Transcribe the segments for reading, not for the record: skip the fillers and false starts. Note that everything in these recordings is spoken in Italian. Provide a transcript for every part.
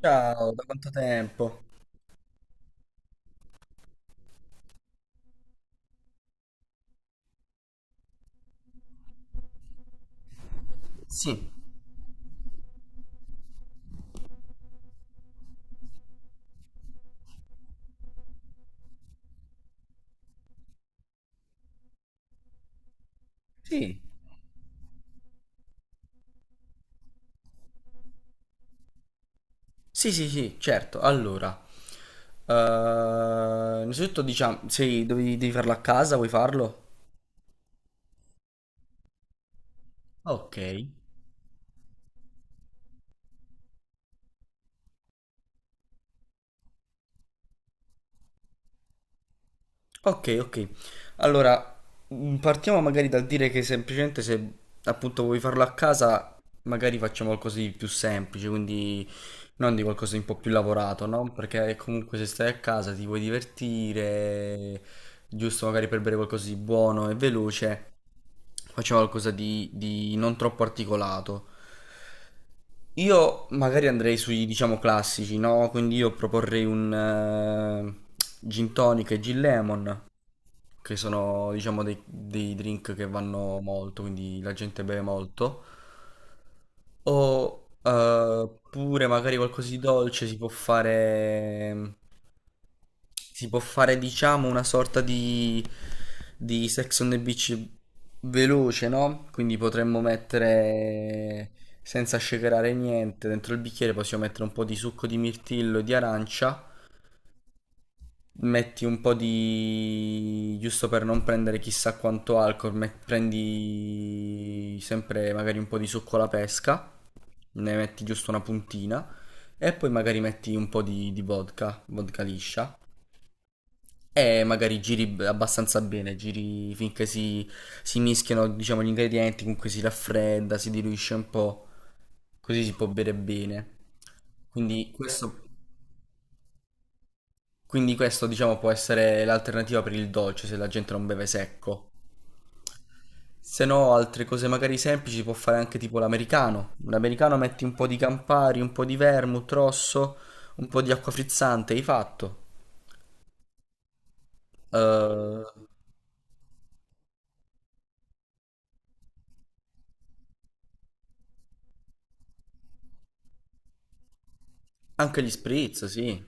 Ciao, da quanto tempo? Sì. Sì. Sì, sì, sì, certo. Allora, eh, innanzitutto diciamo, sei, dovevi, devi farlo a casa, vuoi farlo? Ok. Ok, ok. Allora, partiamo magari dal dire che semplicemente se appunto vuoi farlo a casa, magari facciamo qualcosa di più semplice, quindi non di qualcosa di un po' più lavorato, no? Perché comunque se stai a casa ti vuoi divertire, giusto magari per bere qualcosa di buono e veloce, facciamo qualcosa di non troppo articolato. Io magari andrei sui, diciamo, classici, no? Quindi io proporrei un gin tonic e gin lemon, che sono diciamo dei drink che vanno molto, quindi la gente beve molto, o pure magari qualcosa di dolce si può fare diciamo una sorta di Sex on the Beach veloce, no? Quindi potremmo mettere, senza shakerare niente, dentro il bicchiere possiamo mettere un po' di succo di mirtillo e di arancia, metti un po' di giusto per non prendere chissà quanto alcol, prendi sempre magari un po' di succo alla pesca, ne metti giusto una puntina e poi magari metti un po' di vodka, vodka liscia. E magari abbastanza bene, giri finché si, si mischiano, diciamo, gli ingredienti, comunque si raffredda, si diluisce un po', così si può bere bene. Quindi questo, quindi questo, diciamo, può essere l'alternativa per il dolce se la gente non beve secco. Se no, altre cose magari semplici può fare anche tipo l'americano. L'americano metti un po' di Campari, un po' di vermouth rosso, un po' di acqua frizzante, hai fatto. Eh, anche gli spritz, sì.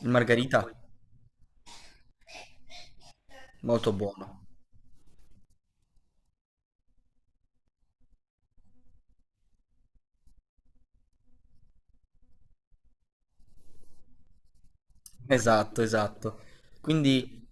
Il margarita, molto buono. Esatto, esatto. Quindi,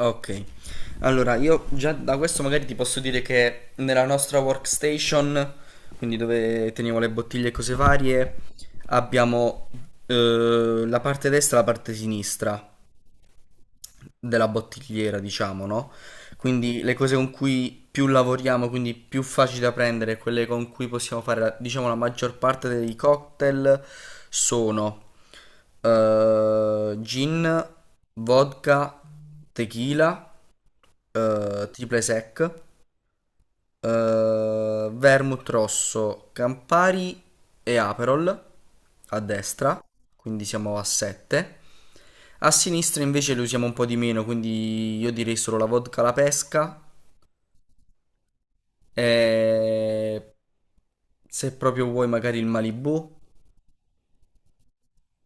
ok, allora io già da questo magari ti posso dire che nella nostra workstation, quindi dove teniamo le bottiglie e cose varie, abbiamo la parte destra e la parte sinistra della bottigliera, diciamo, no? Quindi le cose con cui più lavoriamo, quindi più facili da prendere, quelle con cui possiamo fare, diciamo, la maggior parte dei cocktail sono gin, vodka, tequila, triple sec, vermouth rosso, Campari e Aperol a destra, quindi siamo a 7. A sinistra invece lo usiamo un po' di meno, quindi io direi solo la vodka alla pesca e se proprio vuoi magari il Malibu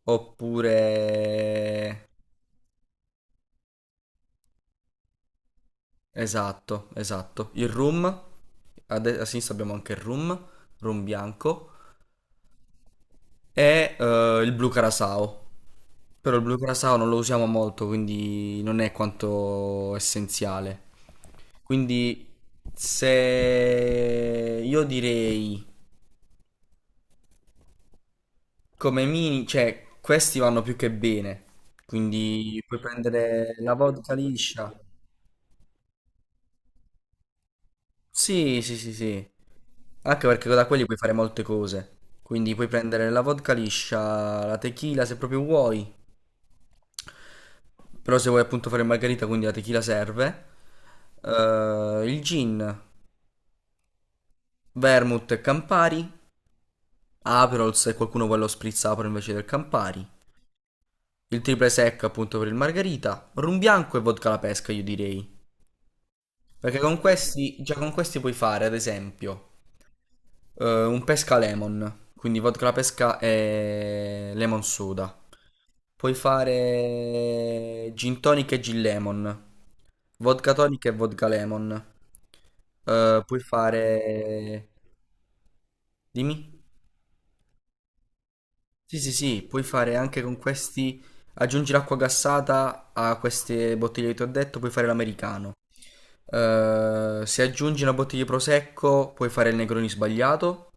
oppure, esatto, esatto, il rum. A, a sinistra abbiamo anche il rum, rum bianco. È il blu carasao. Però il blu carasao non lo usiamo molto, quindi non è quanto essenziale. Quindi se io direi come mini, cioè questi vanno più che bene. Quindi puoi prendere la vodka liscia. Sì, sì, sì, sì. Anche perché da quelli puoi fare molte cose. Quindi puoi prendere la vodka liscia, la tequila se proprio vuoi. Però se vuoi appunto fare margarita, quindi la tequila serve. Il gin, vermouth e Campari. Aperol se qualcuno vuole lo spritz Aperol invece del Campari. Il triple sec appunto per il margarita. Rum bianco e vodka alla pesca io direi. Perché con questi, già con questi puoi fare ad esempio un pesca lemon, quindi vodka alla pesca e lemon soda. Puoi fare gin tonic e gin lemon, vodka tonic e vodka lemon. Puoi fare... Dimmi? Sì, sì, sì, puoi fare anche con questi... Aggiungi l'acqua gassata a queste bottiglie che ti ho detto, puoi fare l'americano. Se aggiungi una bottiglia di prosecco, puoi fare il Negroni sbagliato.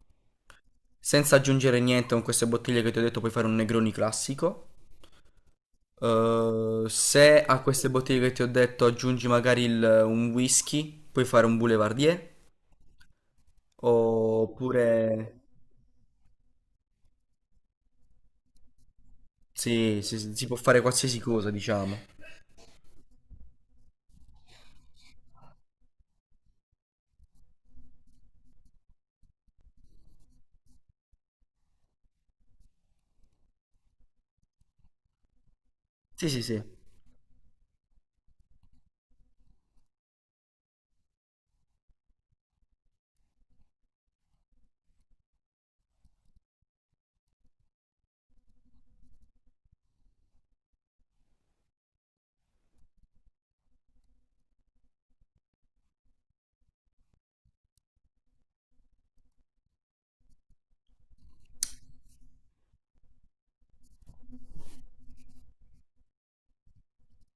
Senza aggiungere niente con queste bottiglie che ti ho detto puoi fare un Negroni classico. Se a queste bottiglie che ti ho detto aggiungi magari un whisky, puoi fare un Boulevardier. Oppure... Sì, sì, sì, si può fare qualsiasi cosa, diciamo. Sì, sì, sì.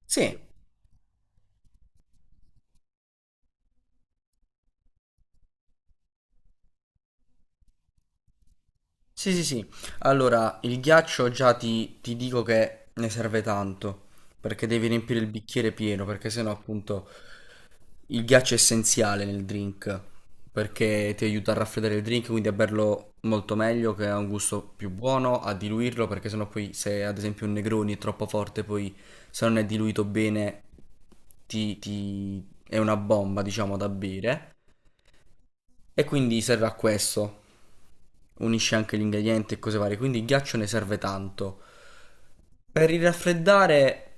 Sì, sì, sì, sì. Allora, il ghiaccio già ti dico che ne serve tanto, perché devi riempire il bicchiere pieno, perché sennò appunto il ghiaccio è essenziale nel drink perché ti aiuta a raffreddare il drink, quindi a berlo molto meglio, che ha un gusto più buono, a diluirlo, perché sennò poi se ad esempio un Negroni è troppo forte, poi se non è diluito bene ti, ti- è una bomba, diciamo, da bere. E quindi serve a questo. Unisce anche gli ingredienti e cose varie, quindi il ghiaccio ne serve tanto. Per il raffreddare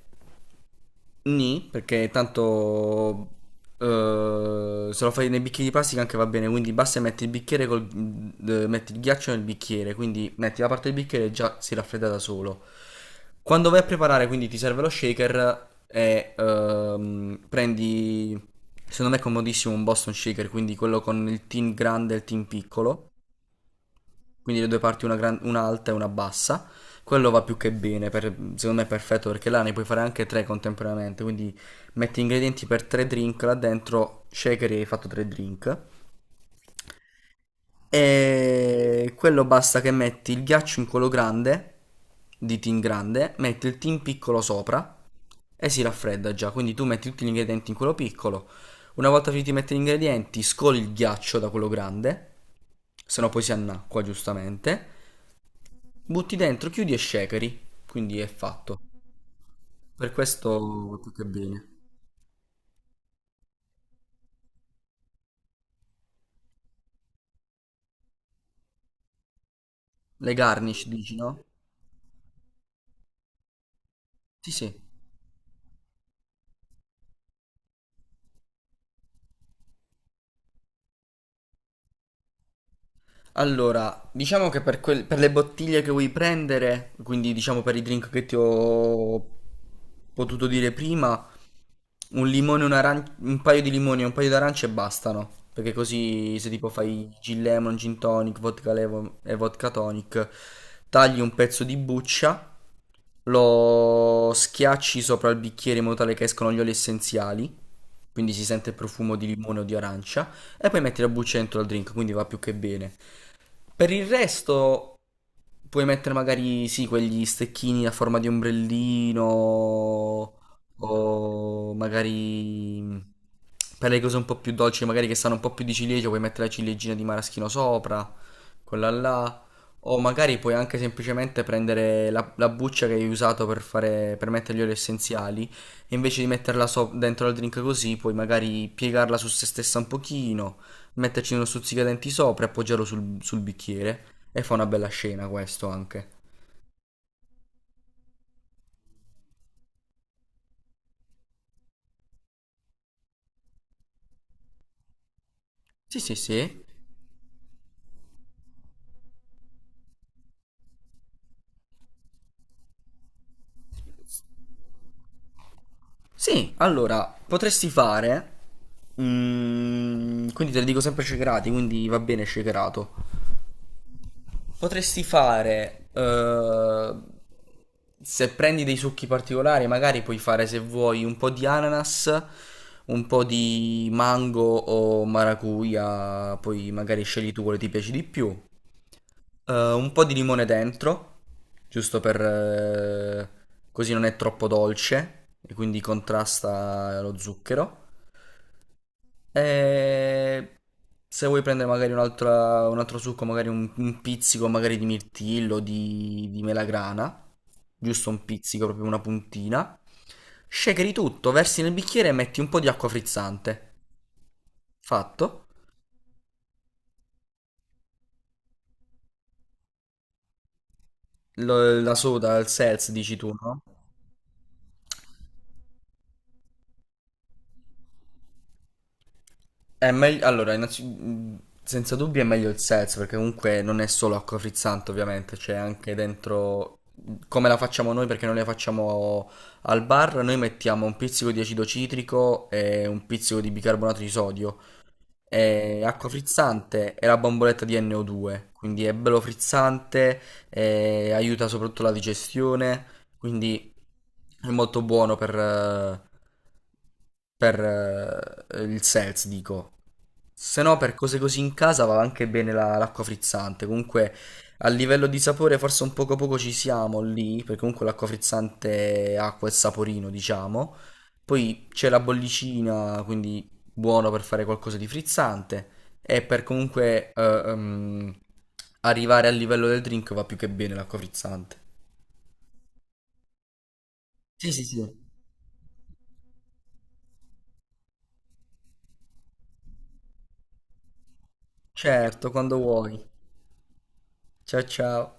nì, perché tanto se lo fai nei bicchieri di plastica anche va bene, quindi basta che metti il bicchiere col, metti il ghiaccio nel bicchiere, quindi metti la parte del bicchiere e già si raffredda da solo. Quando vai a preparare, quindi ti serve lo shaker e prendi, secondo me è comodissimo un Boston Shaker, quindi quello con il tin grande e il tin piccolo, quindi le due parti, una, una alta e una bassa. Quello va più che bene, secondo me è perfetto perché là ne puoi fare anche tre contemporaneamente, quindi metti ingredienti per tre drink là dentro, shaker e hai fatto tre drink. E quello basta che metti il ghiaccio in quello grande, di tin grande, metti il tin piccolo sopra e si raffredda già, quindi tu metti tutti gli ingredienti in quello piccolo. Una volta finiti di mettere gli ingredienti, scoli il ghiaccio da quello grande, se no poi si annacqua giustamente. Butti dentro, chiudi e shakeri, quindi è fatto. Per questo tutto è bene. Le garnish dici, no? Sì, sì. Allora, diciamo che per, per le bottiglie che vuoi prendere, quindi diciamo per i drink che ti ho potuto dire prima, un paio di limoni e un paio d'arance bastano. Perché così se tipo fai gin lemon, gin tonic, vodka lemon e vodka tonic, tagli un pezzo di buccia, lo schiacci sopra il bicchiere in modo tale che escono gli oli essenziali, quindi si sente il profumo di limone o di arancia, e poi metti la buccia dentro al drink, quindi va più che bene. Per il resto puoi mettere magari, sì, quegli stecchini a forma di ombrellino, o magari per le cose un po' più dolci, magari che sanno un po' più di ciliegia, puoi mettere la ciliegina di maraschino sopra. Quella là, o magari puoi anche semplicemente prendere la, la buccia che hai usato per fare, per mettere gli oli essenziali, e invece di metterla dentro al drink così, puoi magari piegarla su se stessa un pochino, metterci uno stuzzicadenti sopra e appoggiarlo sul, sul bicchiere, e fa una bella scena questo anche. Sì, sì, sì. Sì, allora, potresti fare... quindi te le dico sempre shakerato, quindi va bene shakerato. Potresti fare, se prendi dei succhi particolari, magari puoi fare se vuoi un po' di ananas, un po' di mango o maracuja, poi magari scegli tu quello che ti piace di più. Un po' di limone dentro, giusto per, così non è troppo dolce e quindi contrasta lo zucchero. E se vuoi prendere magari un altro succo, magari un pizzico magari di mirtillo, di melagrana, giusto un pizzico, proprio una puntina, shakeri tutto, versi nel bicchiere e metti un po' di acqua frizzante. Fatto. La soda, il seltz, dici tu, no? È meglio, allora, senza dubbio è meglio il Sez, perché comunque non è solo acqua frizzante, ovviamente, c'è anche dentro come la facciamo noi, perché noi la facciamo al bar, noi mettiamo un pizzico di acido citrico e un pizzico di bicarbonato di sodio, è acqua frizzante e la bomboletta di NO2, quindi è bello frizzante, aiuta soprattutto la digestione, quindi è molto buono per il seltz, dico. Se no, per cose così in casa va anche bene l'acqua frizzante. Comunque, a livello di sapore, forse un poco poco ci siamo lì, perché comunque l'acqua frizzante ha quel saporino, diciamo. Poi c'è la bollicina, quindi buono per fare qualcosa di frizzante e per comunque arrivare al livello del drink va più che bene l'acqua frizzante. Sì, sì, sì. Certo, quando vuoi. Ciao ciao.